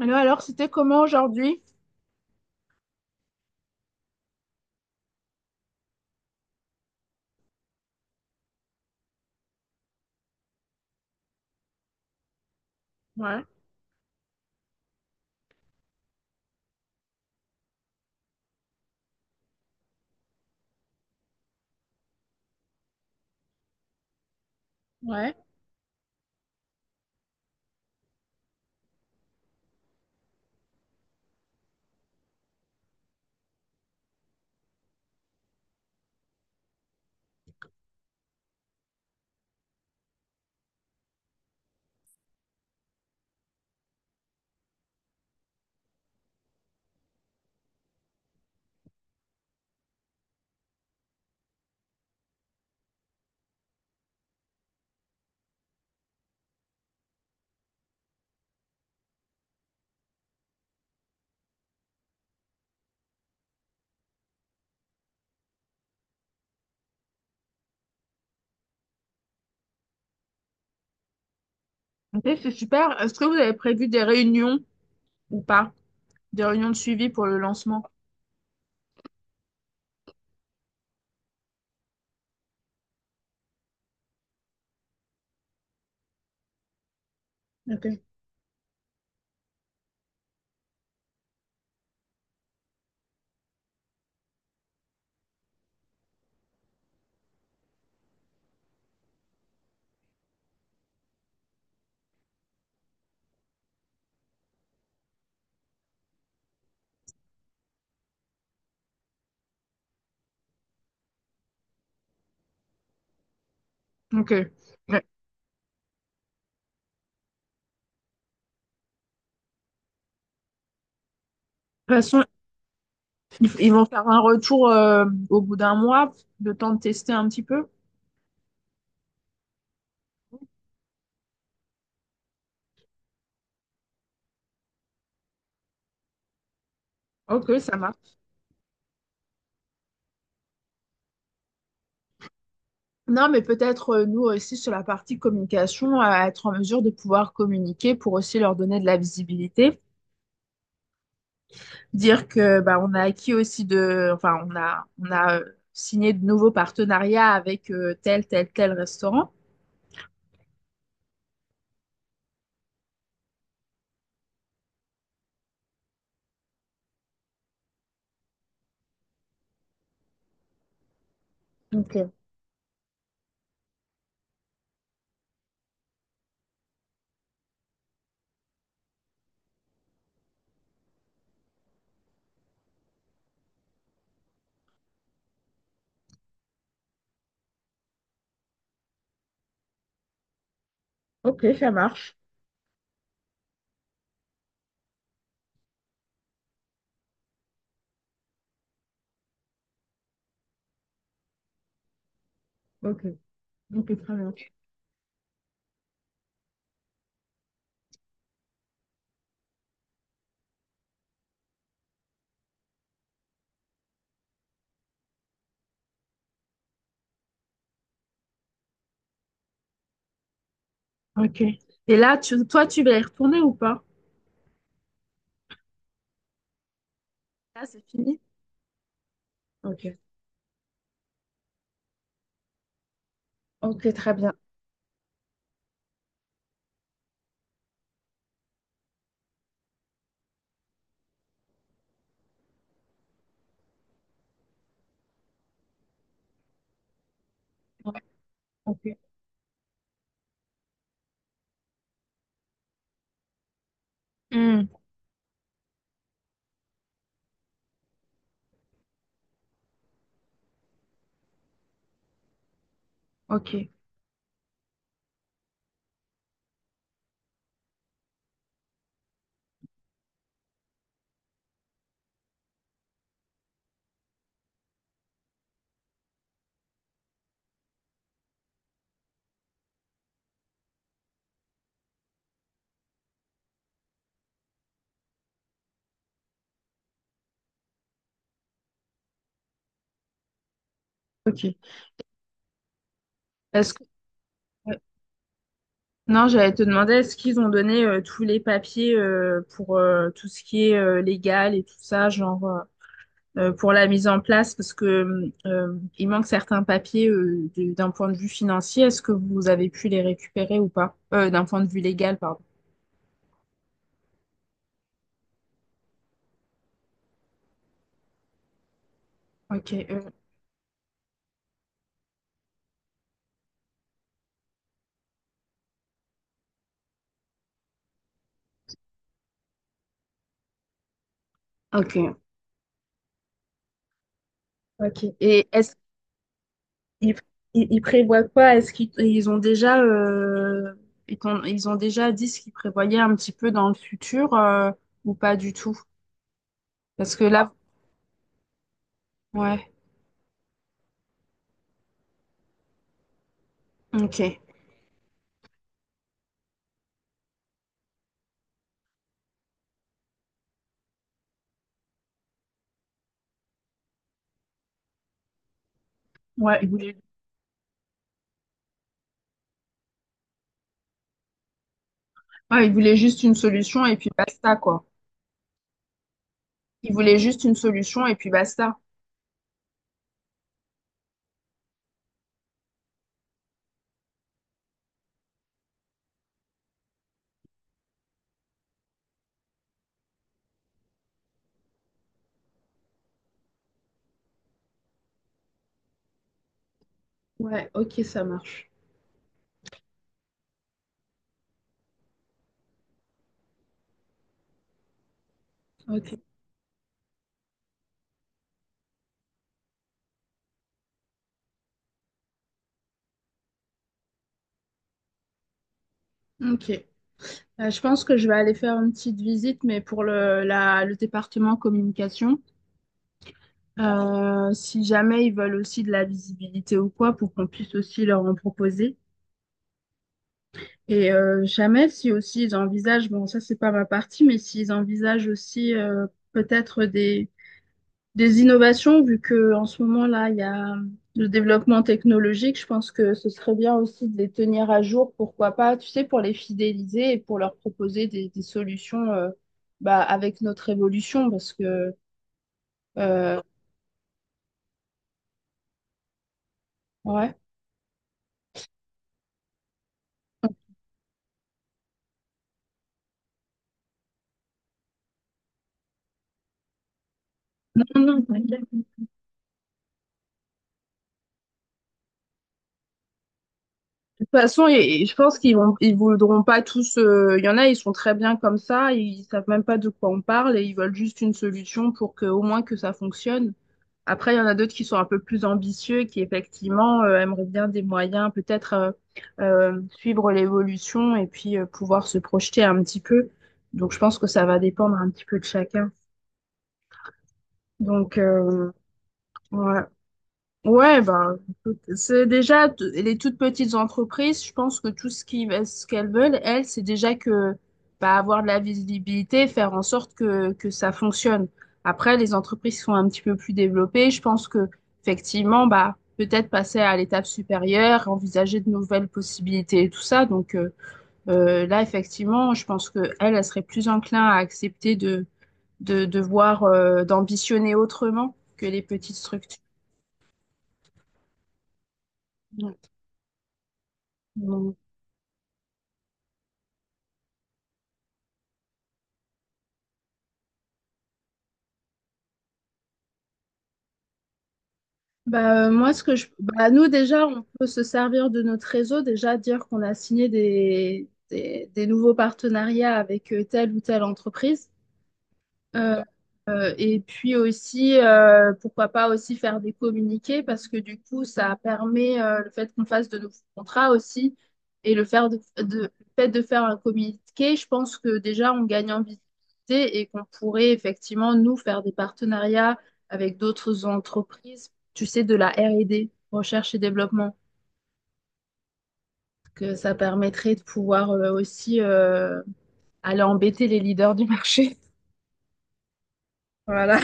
Alors, c'était comment aujourd'hui? Ouais, ouais. Ok, c'est super. Est-ce que vous avez prévu des réunions ou pas? Des réunions de suivi pour le lancement? Ok. Ok. Ouais. De toute façon, ils vont faire un retour au bout d'un mois, le temps de tester un petit peu. Ok, ça marche. Non, mais peut-être nous aussi sur la partie communication, à être en mesure de pouvoir communiquer pour aussi leur donner de la visibilité. Dire que bah, on a acquis aussi de, enfin, on a signé de nouveaux partenariats avec tel, tel, tel restaurant. Ok, ok, ça marche. Ok, ok, très bien. Ok. Et là, tu, toi, tu vas y retourner ou pas? Là, c'est fini? Ok, ok, très bien. Ouais, ok, hmm, ok. Ok. Est-ce que... euh, non, j'allais te demander, est-ce qu'ils ont donné tous les papiers pour tout ce qui est légal et tout ça, genre... pour la mise en place parce que il manque certains papiers de- d'un point de vue financier. Est-ce que vous avez pu les récupérer ou pas? D'un point de vue légal, pardon. Ok, ok, ok. Et est-ce qu'ils ils, ils prévoient quoi? Est-ce qu'ils ont déjà ils, t'ont- ils ont déjà dit ce qu'ils prévoyaient un petit peu dans le futur ou pas du tout? Parce que là, ouais, ok. Ouais, ils voulaient, ouais, ils voulaient juste une solution et puis basta, quoi. Ils voulaient juste une solution et puis basta. Ouais, ok, ça marche. Ok, ok. Je pense que je vais aller faire une petite visite, mais pour le, la, le département communication, si jamais ils veulent aussi de la visibilité ou quoi, pour qu'on puisse aussi leur en proposer. Et jamais, si aussi ils envisagent, bon, ça c'est pas ma partie, mais s'ils envisagent aussi peut-être des innovations, vu que en ce moment là, il y a le développement technologique, je pense que ce serait bien aussi de les tenir à jour, pourquoi pas, tu sais, pour les fidéliser et pour leur proposer des solutions bah, avec notre évolution, parce que euh, ouais. Non, non, t'inquiète. De toute façon, et je pense qu'ils vont, ils voudront pas tous. Euh, il y en a, ils sont très bien comme ça, ils savent même pas de quoi on parle et ils veulent juste une solution pour que au moins que ça fonctionne. Après, il y en a d'autres qui sont un peu plus ambitieux, qui effectivement aimeraient bien des moyens, peut-être suivre l'évolution et puis pouvoir se projeter un petit peu. Donc, je pense que ça va dépendre un petit peu de chacun. Donc, ouais. Ouais, ben, écoute, c'est déjà t- les toutes petites entreprises, je pense que tout ce qui, ce qu'elles veulent, elles, c'est déjà que bah, avoir de la visibilité, faire en sorte que ça fonctionne. Après, les entreprises qui sont un petit peu plus développées, je pense que effectivement, bah, peut-être passer à l'étape supérieure, envisager de nouvelles possibilités et tout ça. Donc là, effectivement, je pense que elles, elles seraient plus enclins à accepter de voir, d'ambitionner autrement que les petites structures. Ouais. Bah, moi, ce que je... bah, nous, déjà, on peut se servir de notre réseau, déjà dire qu'on a signé des nouveaux partenariats avec telle ou telle entreprise. Euh, et puis aussi, pourquoi pas aussi faire des communiqués parce que du coup, ça permet le fait qu'on fasse de nouveaux contrats aussi et le faire de- le fait de faire un communiqué, je pense que déjà on gagne en visibilité et qu'on pourrait effectivement nous faire des partenariats avec d'autres entreprises, tu sais, de la R&D, recherche et développement, que ça permettrait de pouvoir aussi aller embêter les leaders du marché. Voilà.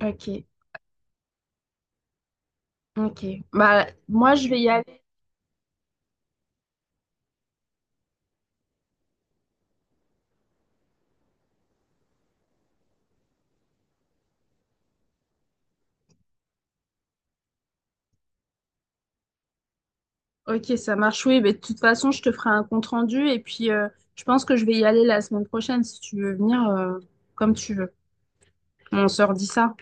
Ok. Ok. Bah, moi, je vais y aller. Ok, ça marche. Oui, mais de toute façon, je te ferai un compte-rendu et puis je pense que je vais y aller la semaine prochaine si tu veux venir comme tu veux. On se redit ça.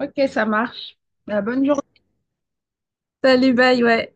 Ok, ça marche. Bah, bonne journée. Salut, bye, ouais.